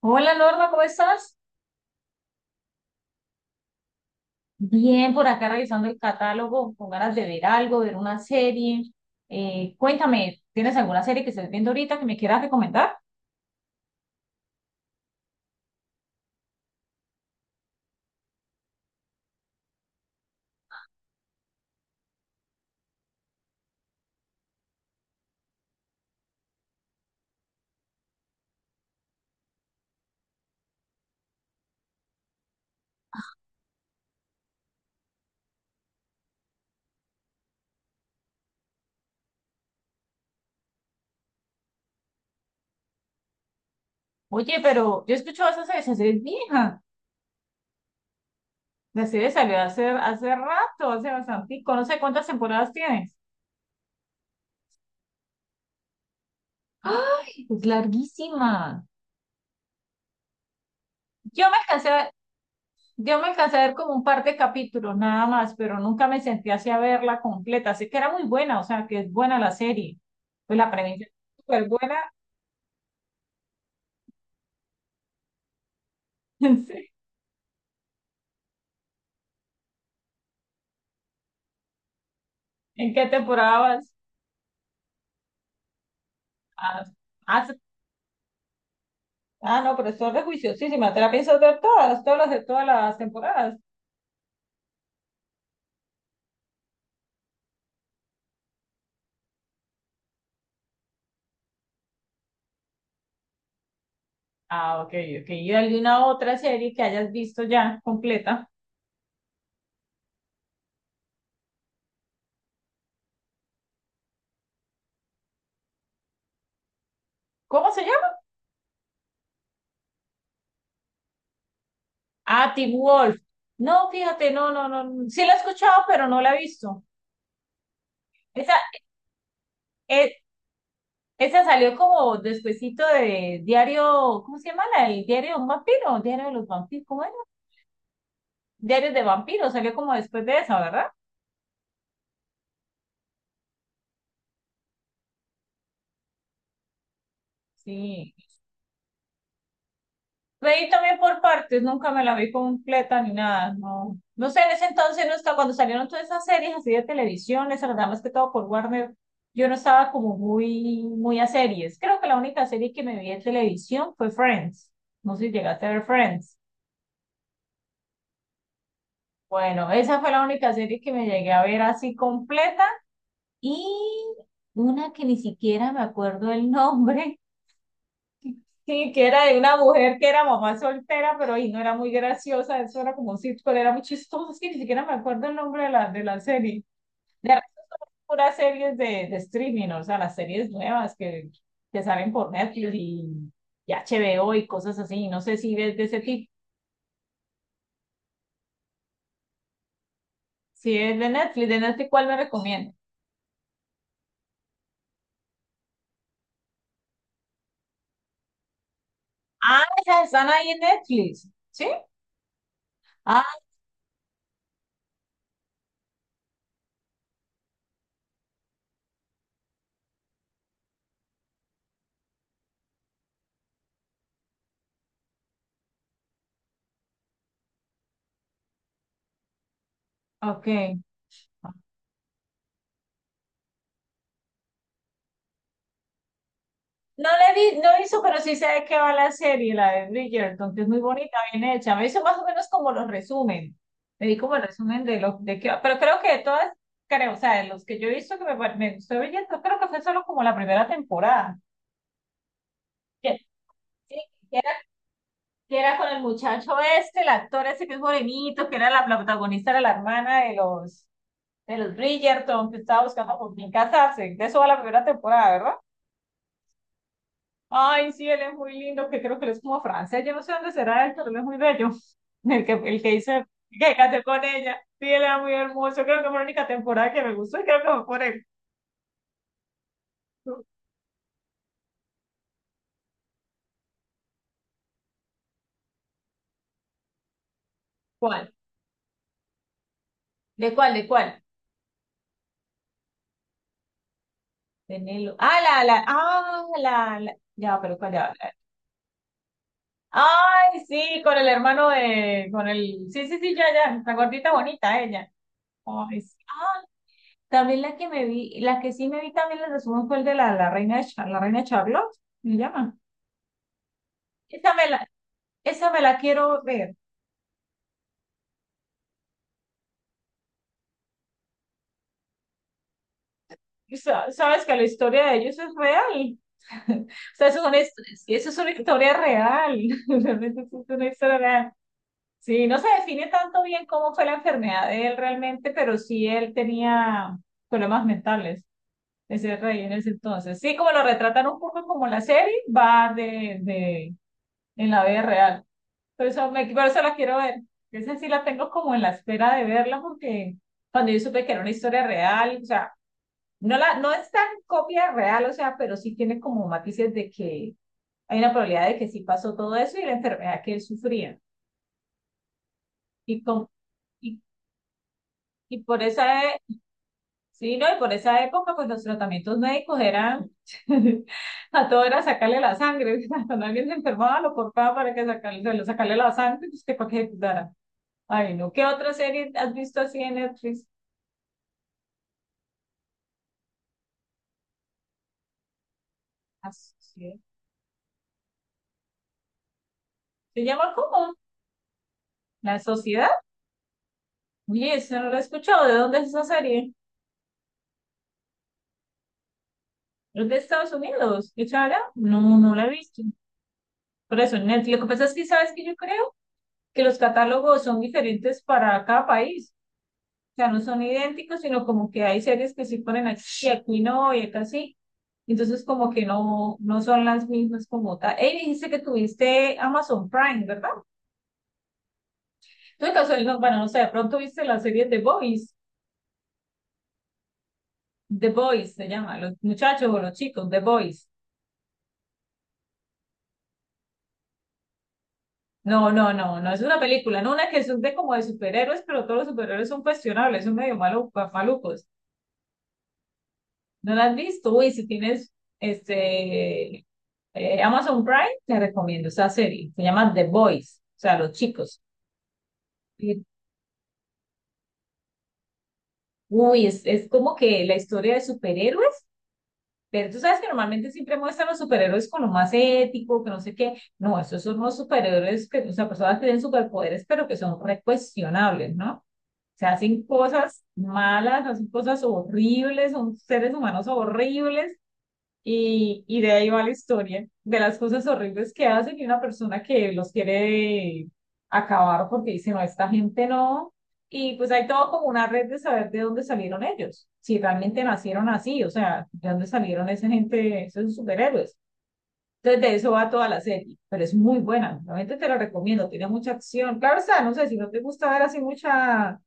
Hola Norma, ¿cómo estás? Bien, por acá revisando el catálogo, con ganas de ver algo, ver una serie. Cuéntame, ¿tienes alguna serie que estés viendo ahorita que me quieras recomendar? Oye, pero yo escucho escuchado esa serie es vieja. La serie salió hace rato, hace bastante, no sé cuántas temporadas tienes. ¡Ay! Es larguísima. Yo me alcancé a, yo me alcancé a ver como un par de capítulos nada más, pero nunca me sentí así a verla completa. Sé que era muy buena, o sea, que es buena la serie. Pues la premisa es súper buena. Sí. ¿En qué temporada vas? Ah, ah, se- ah, no, pero esto es de juiciosísima. ¿Te la piensas ver todas las de todas las temporadas? Ah, ok, ok. ¿Y alguna otra serie que hayas visto ya completa? ¿Cómo se llama? Ah, Teen Wolf. No, fíjate, no. Sí la he escuchado, pero no la he visto. Esa, eh, Esa salió como despuesito de Diario, ¿cómo se llama? El Diario de un vampiro, Diario de los vampiros, ¿cómo era? *Diarios de vampiros, salió como después de esa, ¿verdad? Sí. Veí también por partes, nunca me la vi completa ni nada, no. No sé, en ese entonces no estaba, cuando salieron todas esas series así de televisión, les verdad más que todo por Warner, yo no estaba como muy a series. Creo que la única serie que me vi en televisión fue Friends. No sé si llegaste a ver Friends. Bueno, esa fue la única serie que me llegué a ver así completa y una que ni siquiera me acuerdo el nombre. Sí, que era de una mujer que era mamá soltera, pero ahí no era muy graciosa, eso era como un sitcom, era muy chistoso, es que ni siquiera me acuerdo el nombre de de la serie. De resto, puras series de streaming, o sea, las series nuevas que salen por Netflix y HBO y cosas así, no sé si ves de ese tipo, si es de Netflix, ¿cuál me recomiendas? Ah, esas están ahí en Netflix, ¿sí? Ah, ok. No la he vi, no hizo pero sí sé de qué va la serie, la de Bridgerton, que es muy bonita, bien hecha. Me hizo más o menos como los resumen. Me di como el resumen de lo de qué va. Pero creo que de todas, creo, o sea, de los que yo he visto que me gustó Bridgerton, creo que fue solo como la primera temporada. Que, sí, que era con el muchacho este, el actor ese que es morenito, que era la protagonista, era la hermana de de los Bridgerton, que estaba buscando con quién casarse. De eso va la primera temporada, verdad. Ay, sí, él es muy lindo, que creo que él es como francés, yo no sé dónde será él, pero él es muy bello. El que hizo, que canté con ella. Sí, él era muy hermoso, creo que fue la única temporada que me gustó y creo que fue por él. ¿Cuál? ¿De cuál? ¿De cuál? De Nelo. Ah, la, ah, la, la. Ya, pero ¿cuál ya? Ay, sí, con el hermano de, con el, sí, sí, sí, ya, ya, la gordita bonita, ella. Ay, sí. Ah, también la que me vi, la que sí me vi también la resumen fue el de la reina, la reina Charlotte, ¿me llama? Esa me la, Esa me la quiero ver. Y sabes que la historia de ellos es real. O sea, eso es eso es una historia real. Realmente eso es una historia real. Sí, no se define tanto bien cómo fue la enfermedad de él realmente, pero sí él tenía problemas mentales, ese rey en ese entonces. Sí, como lo retratan un poco como la serie, va de, en la vida real. Por eso, por eso la quiero ver. Esa sí la tengo como en la espera de verla, porque cuando yo supe que era una historia real, o sea, no, no es tan copia real, o sea, pero sí tiene como matices de que hay una probabilidad de que sí pasó todo eso y la enfermedad que él sufría. Y, con, y, y por esa, sí, ¿no? Y por esa época, pues los tratamientos médicos eran, a todo era sacarle la sangre. Cuando alguien se enfermaba, lo cortaba para que sacarle, se lo sacarle la sangre, pues que para que ejecutara. Ay, no. ¿Qué otra serie has visto así en Netflix? Así es. Se llama ¿cómo? La Sociedad. Oye, eso no lo he escuchado. ¿De dónde es esa serie? Es de Estados Unidos. ¿Qué charla? No, no la he visto. Por eso, Netflix. Lo que pasa es que sabes que yo creo que los catálogos son diferentes para cada país. O sea, no son idénticos, sino como que hay series que sí ponen aquí, y aquí no, y acá sí. Entonces, como que no, no son las mismas como tal. Ey, dijiste que tuviste Amazon Prime, ¿verdad? Tú de casualidad, no, bueno, no sé, de pronto viste la serie The Boys. The Boys se llama, los muchachos o los chicos, The Boys. No, no, no, no es una película, no una que es de como de superhéroes, pero todos los superhéroes son cuestionables, son medio malucos. ¿No la has visto? Uy, si tienes este Amazon Prime, te recomiendo esa serie. Se llama The Boys, o sea, los chicos. Y, Uy, es como que la historia de superhéroes, pero tú sabes que normalmente siempre muestran los superhéroes con lo más ético, que no sé qué. No, esos son los superhéroes que, o sea, personas que tienen superpoderes, pero que son recuestionables, ¿no? Se hacen cosas malas, hacen cosas horribles, son seres humanos horribles y de ahí va la historia, de las cosas horribles que hacen y una persona que los quiere acabar porque dice, no, esta gente no. Y pues hay todo como una red de saber de dónde salieron ellos, si realmente nacieron así, o sea, de dónde salieron esa gente, esos superhéroes. Entonces, de eso va toda la serie, pero es muy buena, realmente te la recomiendo, tiene mucha acción. Claro está, no sé, si no te gusta ver así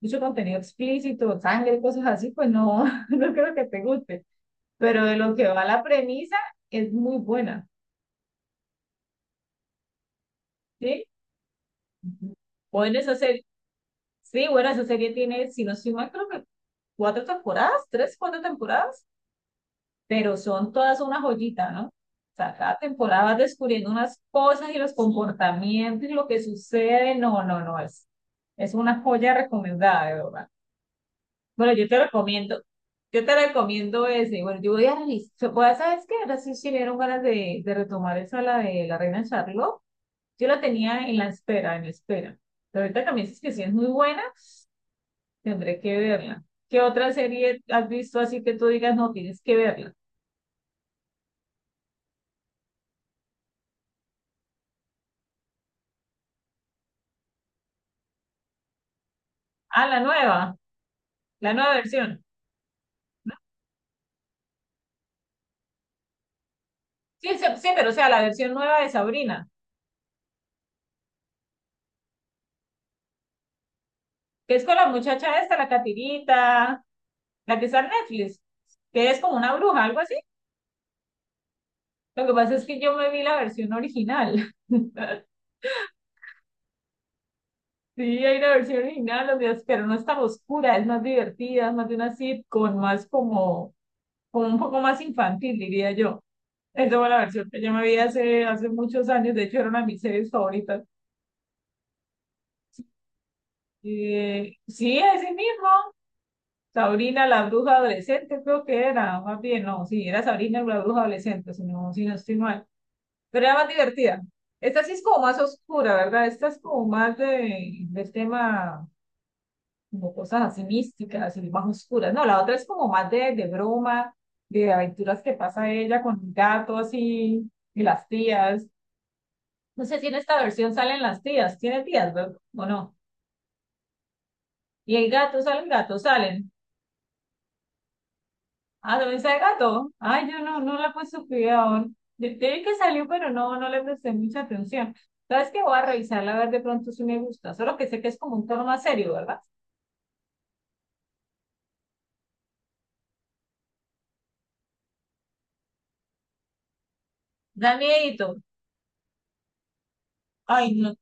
mucho contenido explícito, sangre, cosas así, pues no, no creo que te guste. Pero de lo que va la premisa, es muy buena. ¿Sí? Ujú. Bueno, esa serie, sí, bueno, esa serie tiene, si no estoy mal, creo que tres, cuatro temporadas, pero son todas una joyita, ¿no? O sea, cada temporada vas descubriendo unas cosas y los comportamientos y lo que sucede. No, no, no, Es una joya recomendada, de verdad. Bueno, yo te recomiendo ese. Bueno, yo voy a revisar, ¿sabes qué? Ahora sí me dieron ganas de retomar esa, la de la Reina Charlotte. Yo la tenía en la espera, en la espera. Pero ahorita también es que sí es muy buena, tendré que verla. ¿Qué otra serie has visto así que tú digas, no, tienes que verla? Ah, la nueva. La nueva versión. Sí, sí, sí, pero o sea, la versión nueva de Sabrina, que es con la muchacha esta, la Catirita, la que está en Netflix, que es como una bruja, algo así. Lo que pasa es que yo me vi la versión original. Sí, hay una versión original, los días, pero no es tan oscura, es más divertida, es más de una sitcom, más como, como un poco más infantil, diría yo. Esa fue la versión que yo me vi hace, hace muchos años, de hecho era una de mis series favoritas. Eh, sí, ese mismo, Sabrina la bruja adolescente, creo que era, más bien, no, sí, era Sabrina la bruja adolescente, si no estoy mal, pero era más divertida. Esta sí es como más oscura, ¿verdad? Esta es como más del tema, como cosas así místicas y más oscuras. No, la otra es como más de broma, de aventuras que pasa ella con un gato así, y las tías. No sé si en esta versión salen las tías, tiene tías, ¿verdad? ¿O no? Y el gato, salen gatos, salen. Ah, ¿dónde está el gato? Ay, yo no la puse cuidado. Yo vi que salió, pero no, no le presté mucha atención. ¿Sabes qué? Voy a revisarla a ver de pronto si me gusta. Solo que sé que es como un tono más serio, ¿verdad? Da miedito. Ay, no.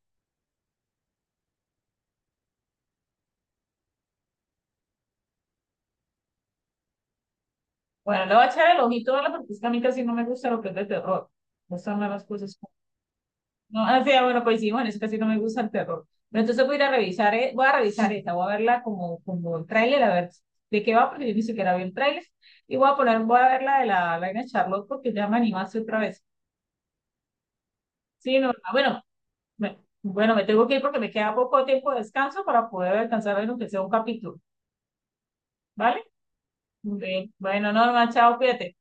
Bueno, le voy a echar el ojito a verla porque es que a mí casi no me gusta lo que es de terror. No son las cosas. No, o sea, bueno, coincidimos en eso, casi no me gusta el terror. Pero entonces voy a ir a revisar, voy a revisar esta, voy a verla como, como el tráiler, a ver de qué va, porque yo ni siquiera vi el tráiler. Y voy a poner, voy a ver la de la Reina Charlotte porque ya me animaste otra vez. Sí, no, ah, bueno, me- Bueno, me tengo que ir porque me queda poco tiempo de descanso para poder alcanzar a ver aunque sea un capítulo, ¿vale? Bien. Bueno, Norma, chao, cuídate.